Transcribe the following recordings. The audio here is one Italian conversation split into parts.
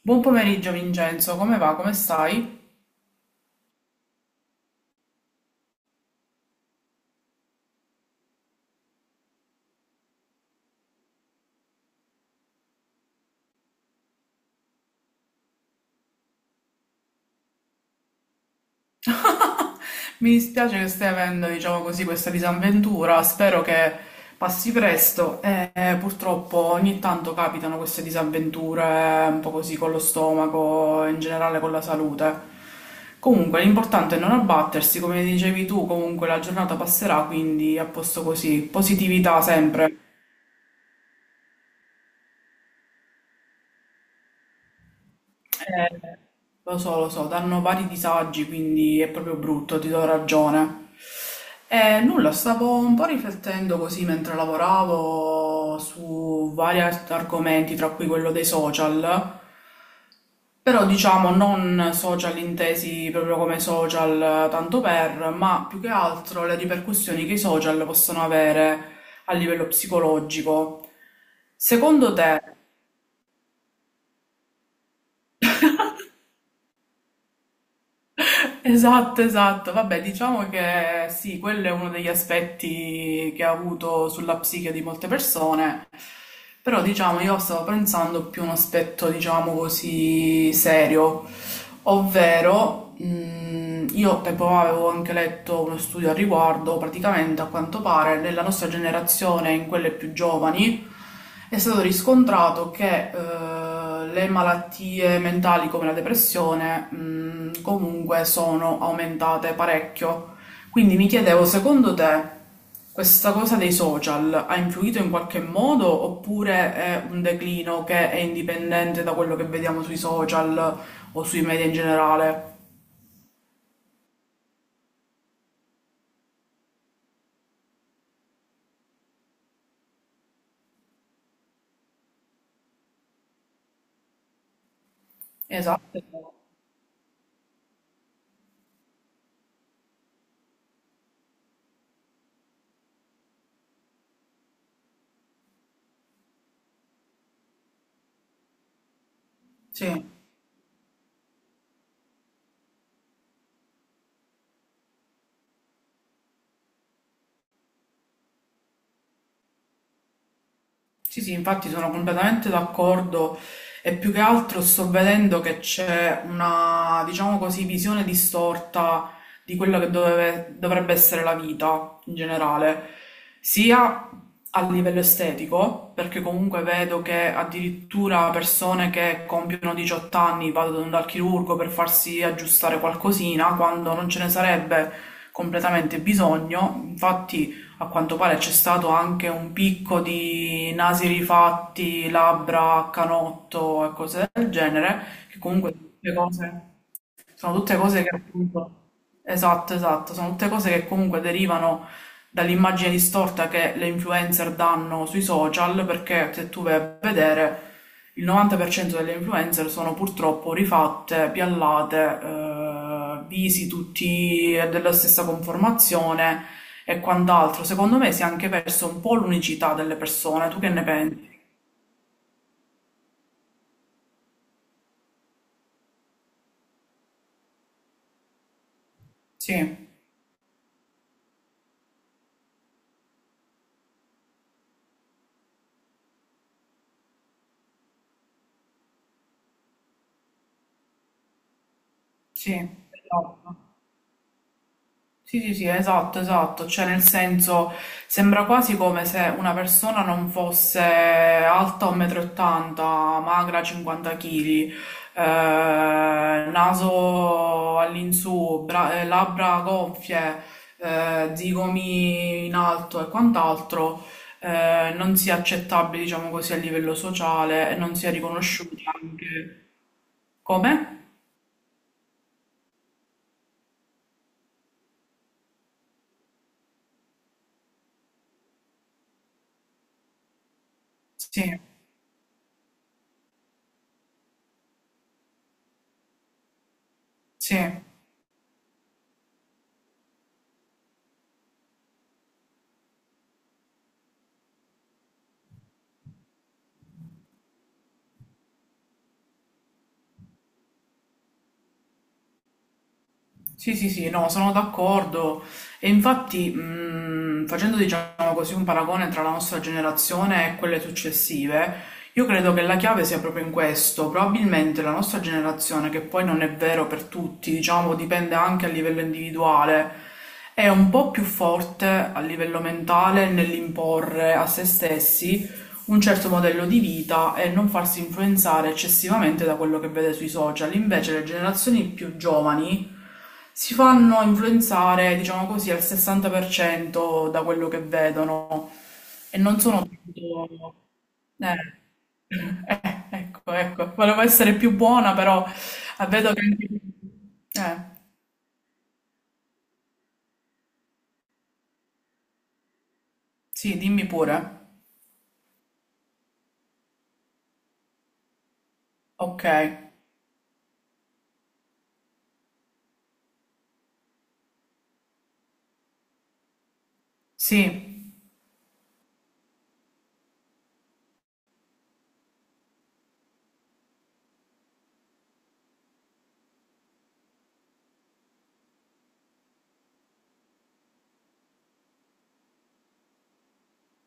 Buon pomeriggio Vincenzo, come va? Come stai? Mi dispiace che stai avendo, diciamo così, questa disavventura, spero che passi presto e purtroppo ogni tanto capitano queste disavventure un po' così con lo stomaco, in generale con la salute. Comunque l'importante è non abbattersi, come dicevi tu, comunque la giornata passerà, quindi a posto così, positività sempre. Eh, Lo so, lo so, danno vari disagi, quindi è proprio brutto, ti do ragione. E nulla, stavo un po' riflettendo così mentre lavoravo su vari argomenti, tra cui quello dei social, però diciamo non social intesi proprio come social tanto per, ma più che altro le ripercussioni che i social possono avere a livello psicologico. Secondo te. Esatto, esatto. Vabbè, diciamo che sì, quello è uno degli aspetti che ha avuto sulla psiche di molte persone, però diciamo io stavo pensando più a un aspetto, diciamo così, serio. Ovvero, io tempo fa avevo anche letto uno studio al riguardo, praticamente a quanto pare nella nostra generazione, in quelle più giovani, è stato riscontrato che le malattie mentali come la depressione, comunque sono aumentate parecchio. Quindi mi chiedevo, secondo te, questa cosa dei social ha influito in qualche modo oppure è un declino che è indipendente da quello che vediamo sui social o sui media in generale? Esatto, esatto. Sì. Sì, sì, infatti sono completamente d'accordo e più che altro sto vedendo che c'è una, diciamo così, visione distorta di quello che dovrebbe essere la vita in generale, sia a livello estetico, perché comunque vedo che addirittura persone che compiono 18 anni vanno dal chirurgo per farsi aggiustare qualcosina quando non ce ne sarebbe completamente bisogno. Infatti, a quanto pare c'è stato anche un picco di nasi rifatti, labbra a canotto e cose del genere, che comunque tutte cose. Sono tutte cose che appunto. Esatto, esatto, sono tutte cose che comunque derivano dall'immagine distorta che le influencer danno sui social, perché se tu vai a vedere il 90% delle influencer sono purtroppo rifatte, piallate, visi tutti della stessa conformazione e quant'altro. Secondo me si è anche perso un po' l'unicità delle persone, tu che ne pensi? Sì, sì, esatto. Sì, sì, sì, esatto, esatto, cioè nel senso sembra quasi come se una persona non fosse alta 1,80 m, magra 50 kg, naso all'insù, labbra gonfie, zigomi in alto e quant'altro, non sia accettabile, diciamo così, a livello sociale e non sia riconosciuta anche come? Sì, sì. Sì, sì, sì, no, sono d'accordo. E infatti, facendo diciamo così un paragone tra la nostra generazione e quelle successive, io credo che la chiave sia proprio in questo. Probabilmente la nostra generazione, che poi non è vero per tutti, diciamo, dipende anche a livello individuale, è un po' più forte a livello mentale nell'imporre a se stessi un certo modello di vita e non farsi influenzare eccessivamente da quello che vede sui social. Invece le generazioni più giovani si fanno influenzare, diciamo così, al 60% da quello che vedono e non sono tutto. Eh, ecco, ecco, volevo essere più buona, però vedo che. Eh, sì, dimmi pure. Ok, sì,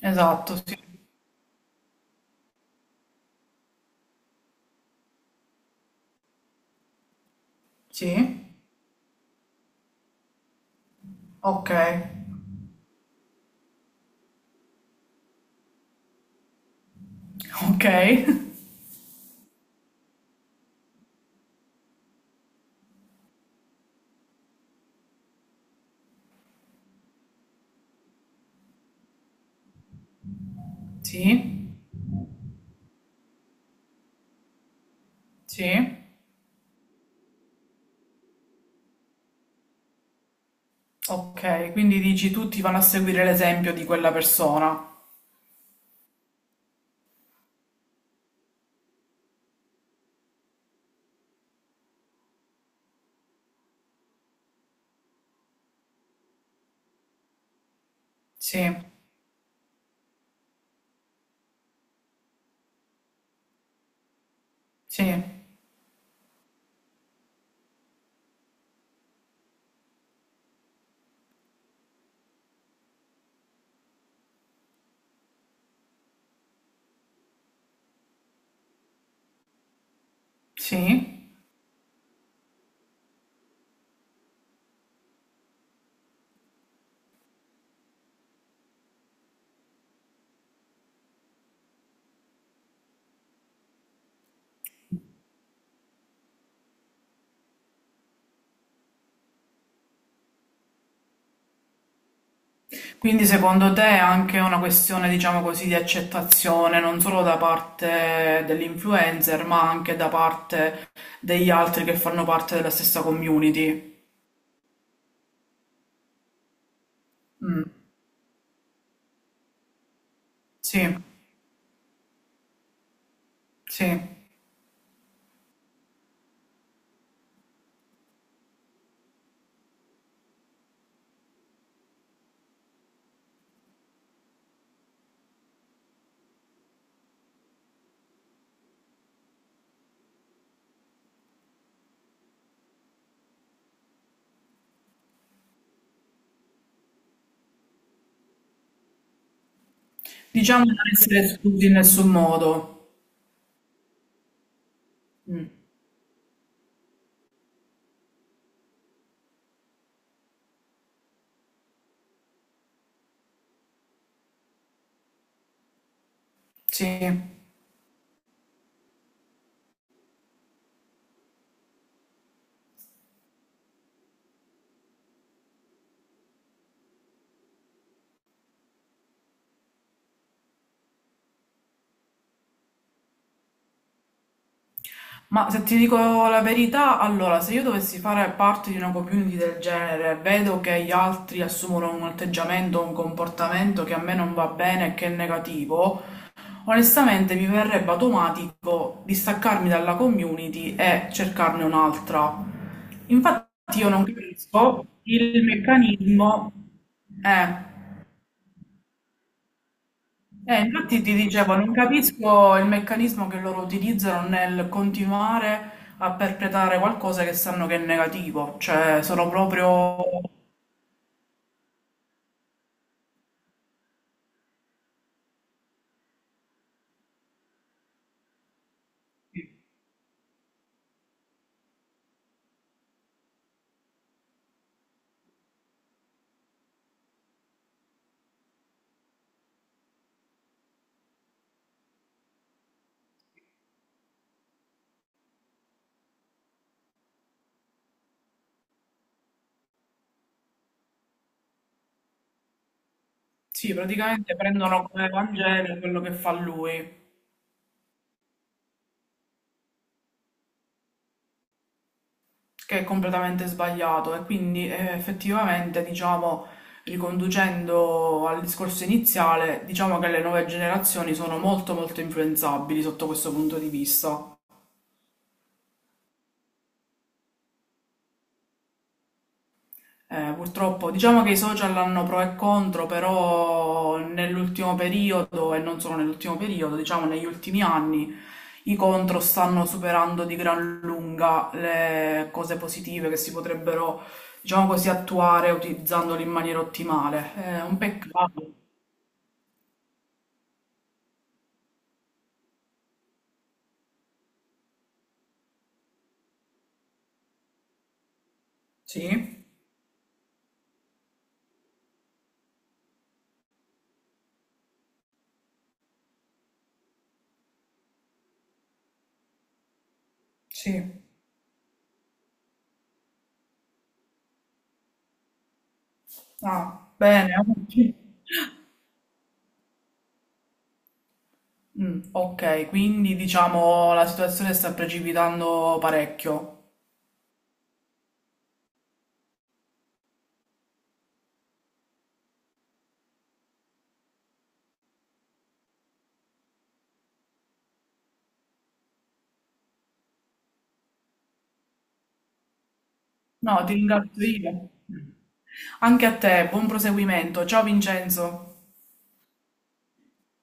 esatto, sì, sì, ok, ok, sì. Sì. Okay, quindi dici tutti vanno a seguire l'esempio di quella persona. Sì, sì, sì. Quindi secondo te è anche una questione, diciamo così, di accettazione non solo da parte dell'influencer, ma anche da parte degli altri che fanno parte della stessa community. Mm, sì, sì. Diciamo di non essere esclusi in nessun modo. Mm, sì. Ma se ti dico la verità, allora, se io dovessi fare parte di una community del genere, vedo che gli altri assumono un atteggiamento, un comportamento che a me non va bene e che è negativo, onestamente mi verrebbe automatico distaccarmi dalla community e cercarne un'altra. Infatti io non capisco il meccanismo. Eh. Infatti ti dicevo, non capisco il meccanismo che loro utilizzano nel continuare a perpetrare qualcosa che sanno che è negativo, cioè sono proprio, sì, praticamente prendono come Vangelo quello che fa lui, che è completamente sbagliato e quindi effettivamente, diciamo, riconducendo al discorso iniziale, diciamo che le nuove generazioni sono molto molto influenzabili sotto questo punto di vista. Purtroppo, diciamo che i social hanno pro e contro, però nell'ultimo periodo, e non solo nell'ultimo periodo, diciamo negli ultimi anni, i contro stanno superando di gran lunga le cose positive che si potrebbero, diciamo così, attuare utilizzandoli in maniera ottimale. È un peccato. Sì, sì. Ah, bene. Mm, ok, quindi diciamo la situazione sta precipitando parecchio. No, ti ringrazio io. Anche a te, buon proseguimento. Ciao Vincenzo.